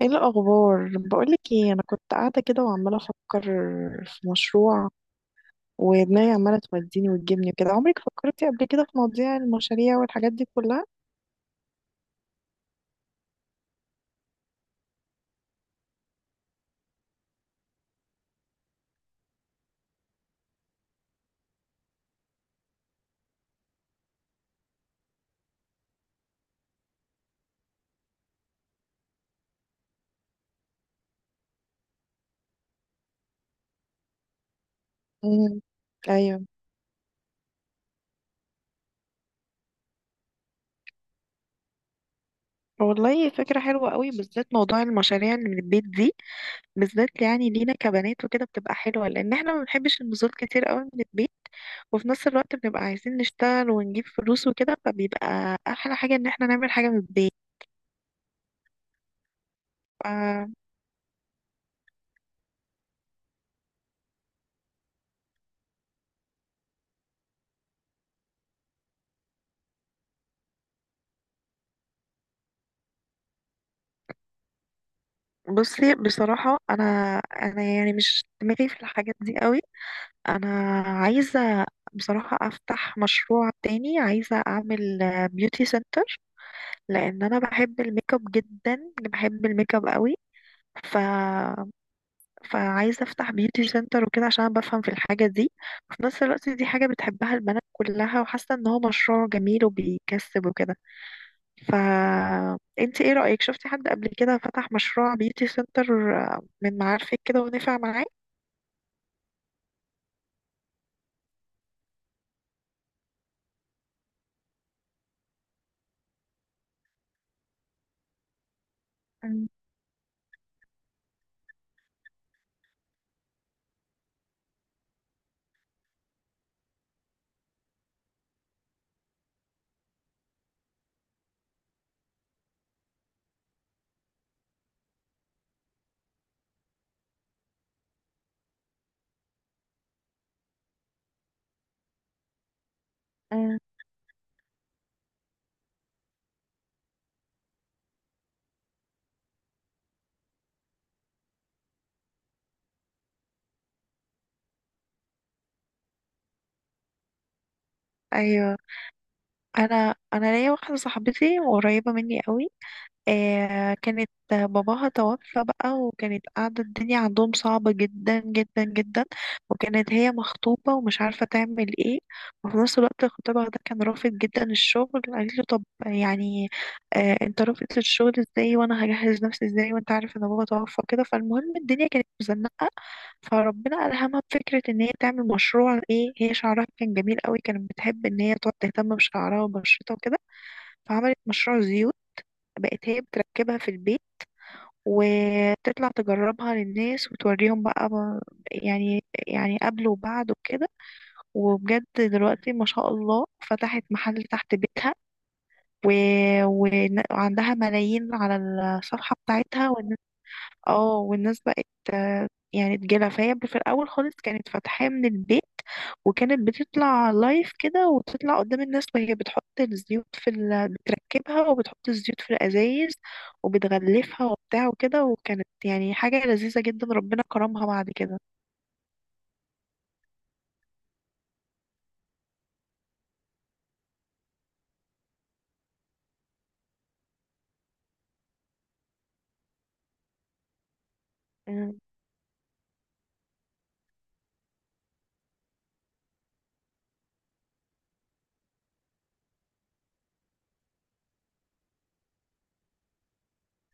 ايه الاخبار؟ بقولك ايه، انا كنت قاعده كده وعماله افكر في مشروع، ودماغي عماله توديني وتجيبني كده. عمرك فكرتي قبل كده في مواضيع المشاريع والحاجات دي كلها؟ امم ايوه، والله فكره حلوه قوي، بالذات موضوع المشاريع اللي من البيت دي. بالذات يعني لينا كبنات وكده بتبقى حلوه، لان احنا ما بنحبش النزول كتير قوي من البيت، وفي نفس الوقت بنبقى عايزين نشتغل ونجيب فلوس وكده، فبيبقى احلى حاجه ان احنا نعمل حاجه من البيت. بصي بصراحة، أنا يعني مش دماغي في الحاجات دي قوي. أنا عايزة بصراحة أفتح مشروع تاني، عايزة أعمل بيوتي سنتر، لأن أنا بحب الميك اب جدا، بحب الميك اب قوي. ف... فعايزة أفتح بيوتي سنتر وكده، عشان أنا بفهم في الحاجة دي، وفي نفس الوقت دي حاجة بتحبها البنات كلها، وحاسة إن هو مشروع جميل وبيكسب وكده. فانت ايه رأيك؟ شفتي حد قبل كده فتح مشروع بيوتي سنتر، آه، من معارفك كده ونفع معاه؟ أم- أم. ايوه، انا ليا واحده صاحبتي وقريبه مني قوي، آه، كانت باباها توفى بقى، وكانت قاعدة الدنيا عندهم صعبة جدا جدا جدا، وكانت هي مخطوبة ومش عارفة تعمل ايه، وفي نفس الوقت خطيبها ده كان رافض جدا الشغل. قالت له طب يعني آه انت رافض الشغل ازاي، وانا هجهز نفسي ازاي، وانت عارف ان بابا توفى كده. فالمهم الدنيا كانت مزنقة، فربنا ألهمها بفكرة ان هي تعمل مشروع. ايه هي؟ شعرها كان جميل قوي، كانت بتحب ان هي تقعد تهتم بشعرها وبشرتها وكده، فعملت مشروع زيوت. بقت هي بتركبها في البيت، وتطلع تجربها للناس وتوريهم بقى، يعني قبل وبعد وكده. وبجد دلوقتي ما شاء الله فتحت محل تحت بيتها، و... وعندها ملايين على الصفحة بتاعتها. اه والناس بقت آه، يعني تجيلها. فهي في الاول خالص كانت فاتحاه من البيت، وكانت بتطلع لايف كده، وتطلع قدام الناس وهي بتحط الزيوت في بتركبها وبتحط الزيوت في الازايز، وبتغلفها وبتاع وكده، وكانت يعني حاجه لذيذه جدا. ربنا كرمها بعد كده. مم.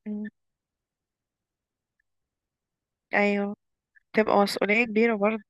مم. ايوه تبقى مسؤوليه كبيره برضه.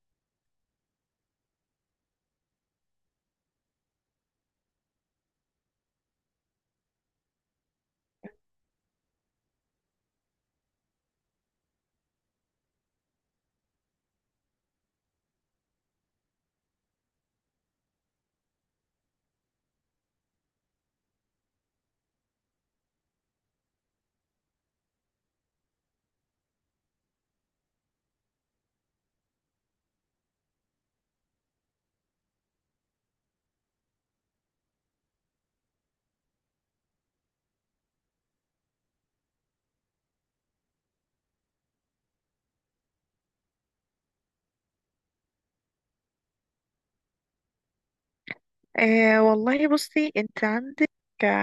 آه والله بصي، انت عندك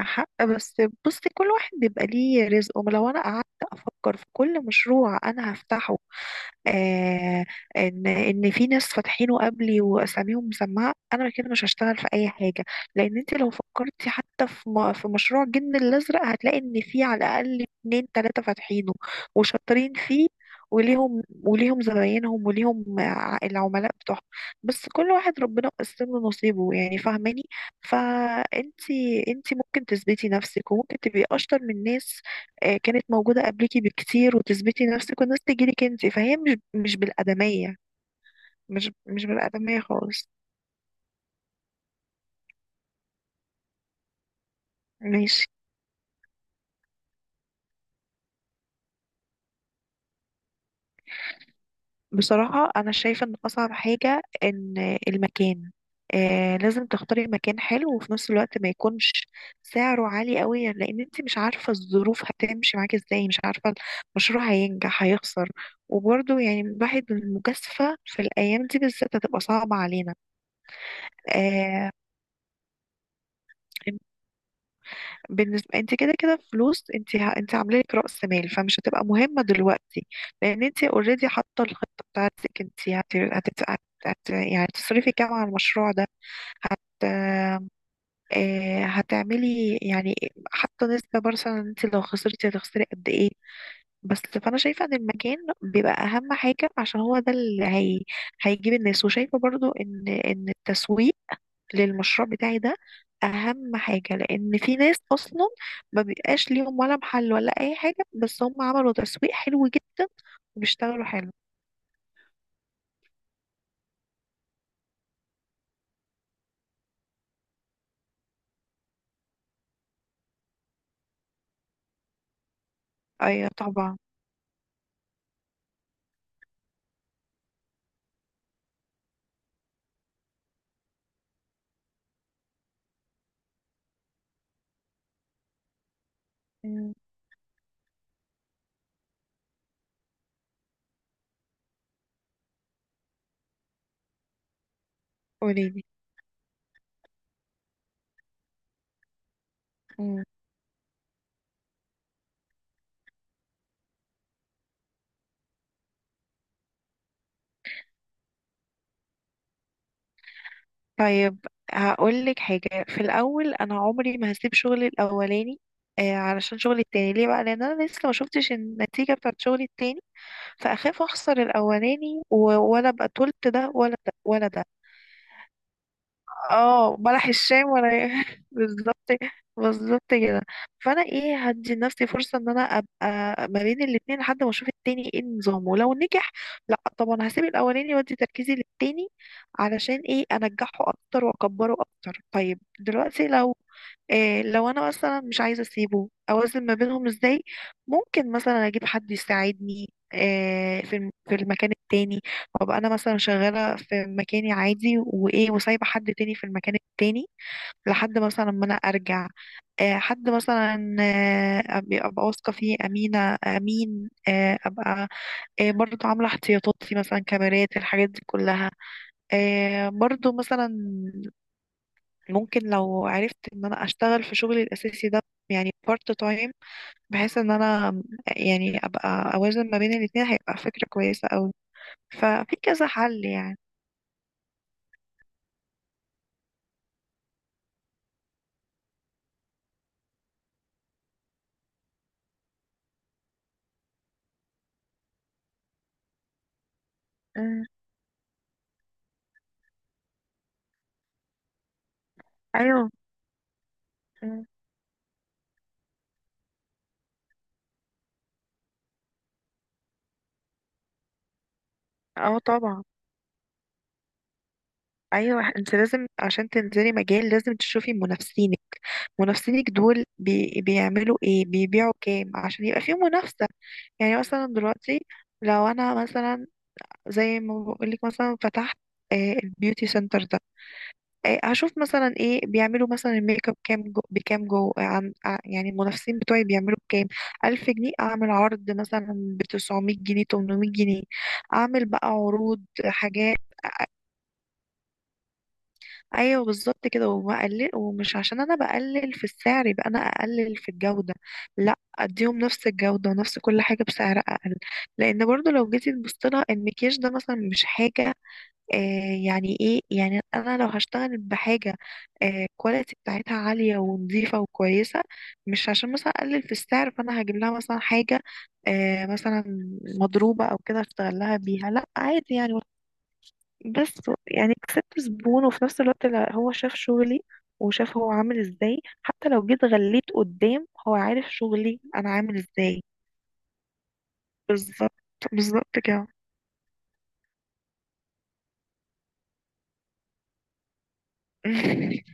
حق، بس بصي كل واحد بيبقى ليه رزقه. لو انا قعدت افكر في كل مشروع انا هفتحه، آه، ان ان في ناس فاتحينه قبلي واساميهم مسمعه، انا كده مش هشتغل في اي حاجه. لان انت لو فكرتي حتى في في مشروع الجن الازرق، هتلاقي ان في على الاقل اتنين تلاته فاتحينه وشاطرين فيه، وليهم زباينهم، وليهم العملاء بتوعهم. بس كل واحد ربنا قسم له نصيبه يعني، فاهماني؟ فانت انت ممكن تثبتي نفسك، وممكن تبقي اشطر من ناس آه، كانت موجودة قبلكي بكتير، وتثبتي نفسك والناس تجيلك انت، فهي مش بالأدمية. مش بالأدمية خالص. ماشي. بصراحة أنا شايفة إن أصعب حاجة إن المكان، آه، لازم تختاري مكان حلو، وفي نفس الوقت ما يكونش سعره عالي قوي، لأن انت مش عارفة الظروف هتمشي معاكي ازاي، مش عارفة المشروع هينجح هيخسر، وبرضه يعني الواحد المجازفة في الأيام دي بالذات هتبقى صعبة علينا. آه. بالنسبة، انت كده كده فلوس، انت انت عامله لك رأس مال، فمش هتبقى مهمة دلوقتي. لان انت اوريدي حاطة الخطة بتاعتك، انت هت... هتت... هت... هت... يعني تصرفي كام على المشروع ده. هت... آه، هتعملي يعني حاطة نسبة مثلا، انت لو خسرتي هتخسري قد ايه. بس فانا شايفه ان المكان بيبقى اهم حاجه، عشان هو ده اللي هيجيب الناس. وشايفه برضو ان التسويق للمشروع بتاعي ده اهم حاجه، لان في ناس اصلا ما بيبقاش ليهم ولا محل ولا اي حاجه، بس هم عملوا تسويق حلو جدا، وبيشتغلوا حلو. ايوه طبعا. مم. قوليلي. مم. طيب. هقول لك حاجه في الاول، انا عمري ما هسيب شغلي الاولاني آه، علشان شغلي التاني ليه بقى؟ لان انا لسه ما شفتش النتيجه بتاعت شغلي التاني، فاخاف اخسر الاولاني ولا ابقى طولت ده ولا ده ولا ده. اه بلح الشام ولا بالظبط. بالظبط كده. فانا ايه، هدي لنفسي فرصه ان انا ابقى ما بين الاتنين لحد ما اشوف التاني ايه نظامه. لو نجح، لا طبعا هسيب الاولاني وادي تركيزي للتاني، علشان ايه، انجحه اكتر واكبره اكتر. طيب دلوقتي لو إيه، لو انا مثلا مش عايزه اسيبه، اوازن ما بينهم ازاي؟ ممكن مثلا اجيب حد يساعدني إيه في في المكان التاني، وابقى انا مثلا شغاله في مكاني عادي وايه، وسايبه حد تاني في المكان التاني لحد مثلا ما انا ارجع. إيه حد مثلا آه، أبقى واثقه فيه، امينه امين آه، ابقى إيه برضو عامله احتياطاتي مثلا كاميرات، الحاجات دي كلها. إيه برضو مثلا ممكن لو عرفت ان انا اشتغل في شغلي الاساسي ده يعني بارت تايم، بحيث ان انا يعني ابقى اوازن ما بين الاتنين، هيبقى فكرة كويسة قوي. ففي كذا حل يعني. مم. ايوه. مم. اه طبعا. ايوه انت لازم عشان تنزلي مجال لازم تشوفي منافسينك، منافسينك دول بي بيعملوا ايه، بيبيعوا كام، عشان يبقى في منافسة. يعني مثلا دلوقتي لو انا مثلا زي ما بقولك مثلا فتحت آه، البيوتي سنتر ده، آه، هشوف مثلا ايه بيعملوا مثلا الميك اب كام جو، بكام جو، عن يعني المنافسين بتوعي بيعملوا بكام. ألف جنيه، أعمل عرض مثلا بتسعمية جنيه، تمنمية جنيه، أعمل بقى عروض حاجات. أيوه بالظبط كده. وبقلل، ومش عشان أنا بقلل في السعر يبقى أنا أقلل في الجودة. لا، أديهم نفس الجودة ونفس كل حاجة بسعر أقل. لأن برضو لو جيتي تبصيلها المكياج ده مثلا مش حاجة، آه، يعني ايه، يعني انا لو هشتغل بحاجه الكواليتي بتاعتها عاليه ونظيفه وكويسه، مش عشان مثلا اقلل في السعر، فانا هجيب لها مثلا حاجه آه مثلا مضروبه او كده اشتغل لها بيها. لا عادي يعني. بس يعني كسبت زبون، وفي نفس الوقت لا، هو شاف شغلي، وشاف هو عامل ازاي، حتى لو جيت غليت قدام، هو عارف شغلي انا عامل ازاي. بالظبط. بالظبط كده.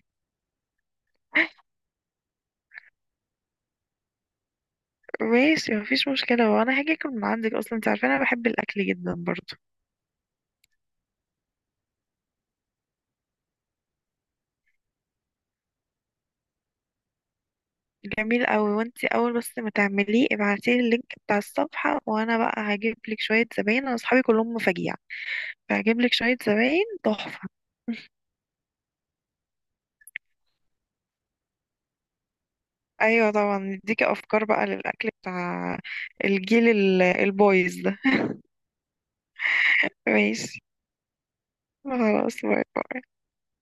ماشي مفيش مشكلة، وانا هاجي اكل من عندك اصلا، انت عارفة انا بحب الاكل جدا برضو. جميل قوي. وانت اول بس ما تعمليه ابعتيلي اللينك بتاع الصفحة، وانا بقى هجيب لك شوية زباين، انا اصحابي كلهم مفاجيع، فهجيب لك شوية زباين تحفة. ايوه طبعا، نديكي افكار بقى للاكل بتاع الجيل البويز ده. ماشي. خلاص باي.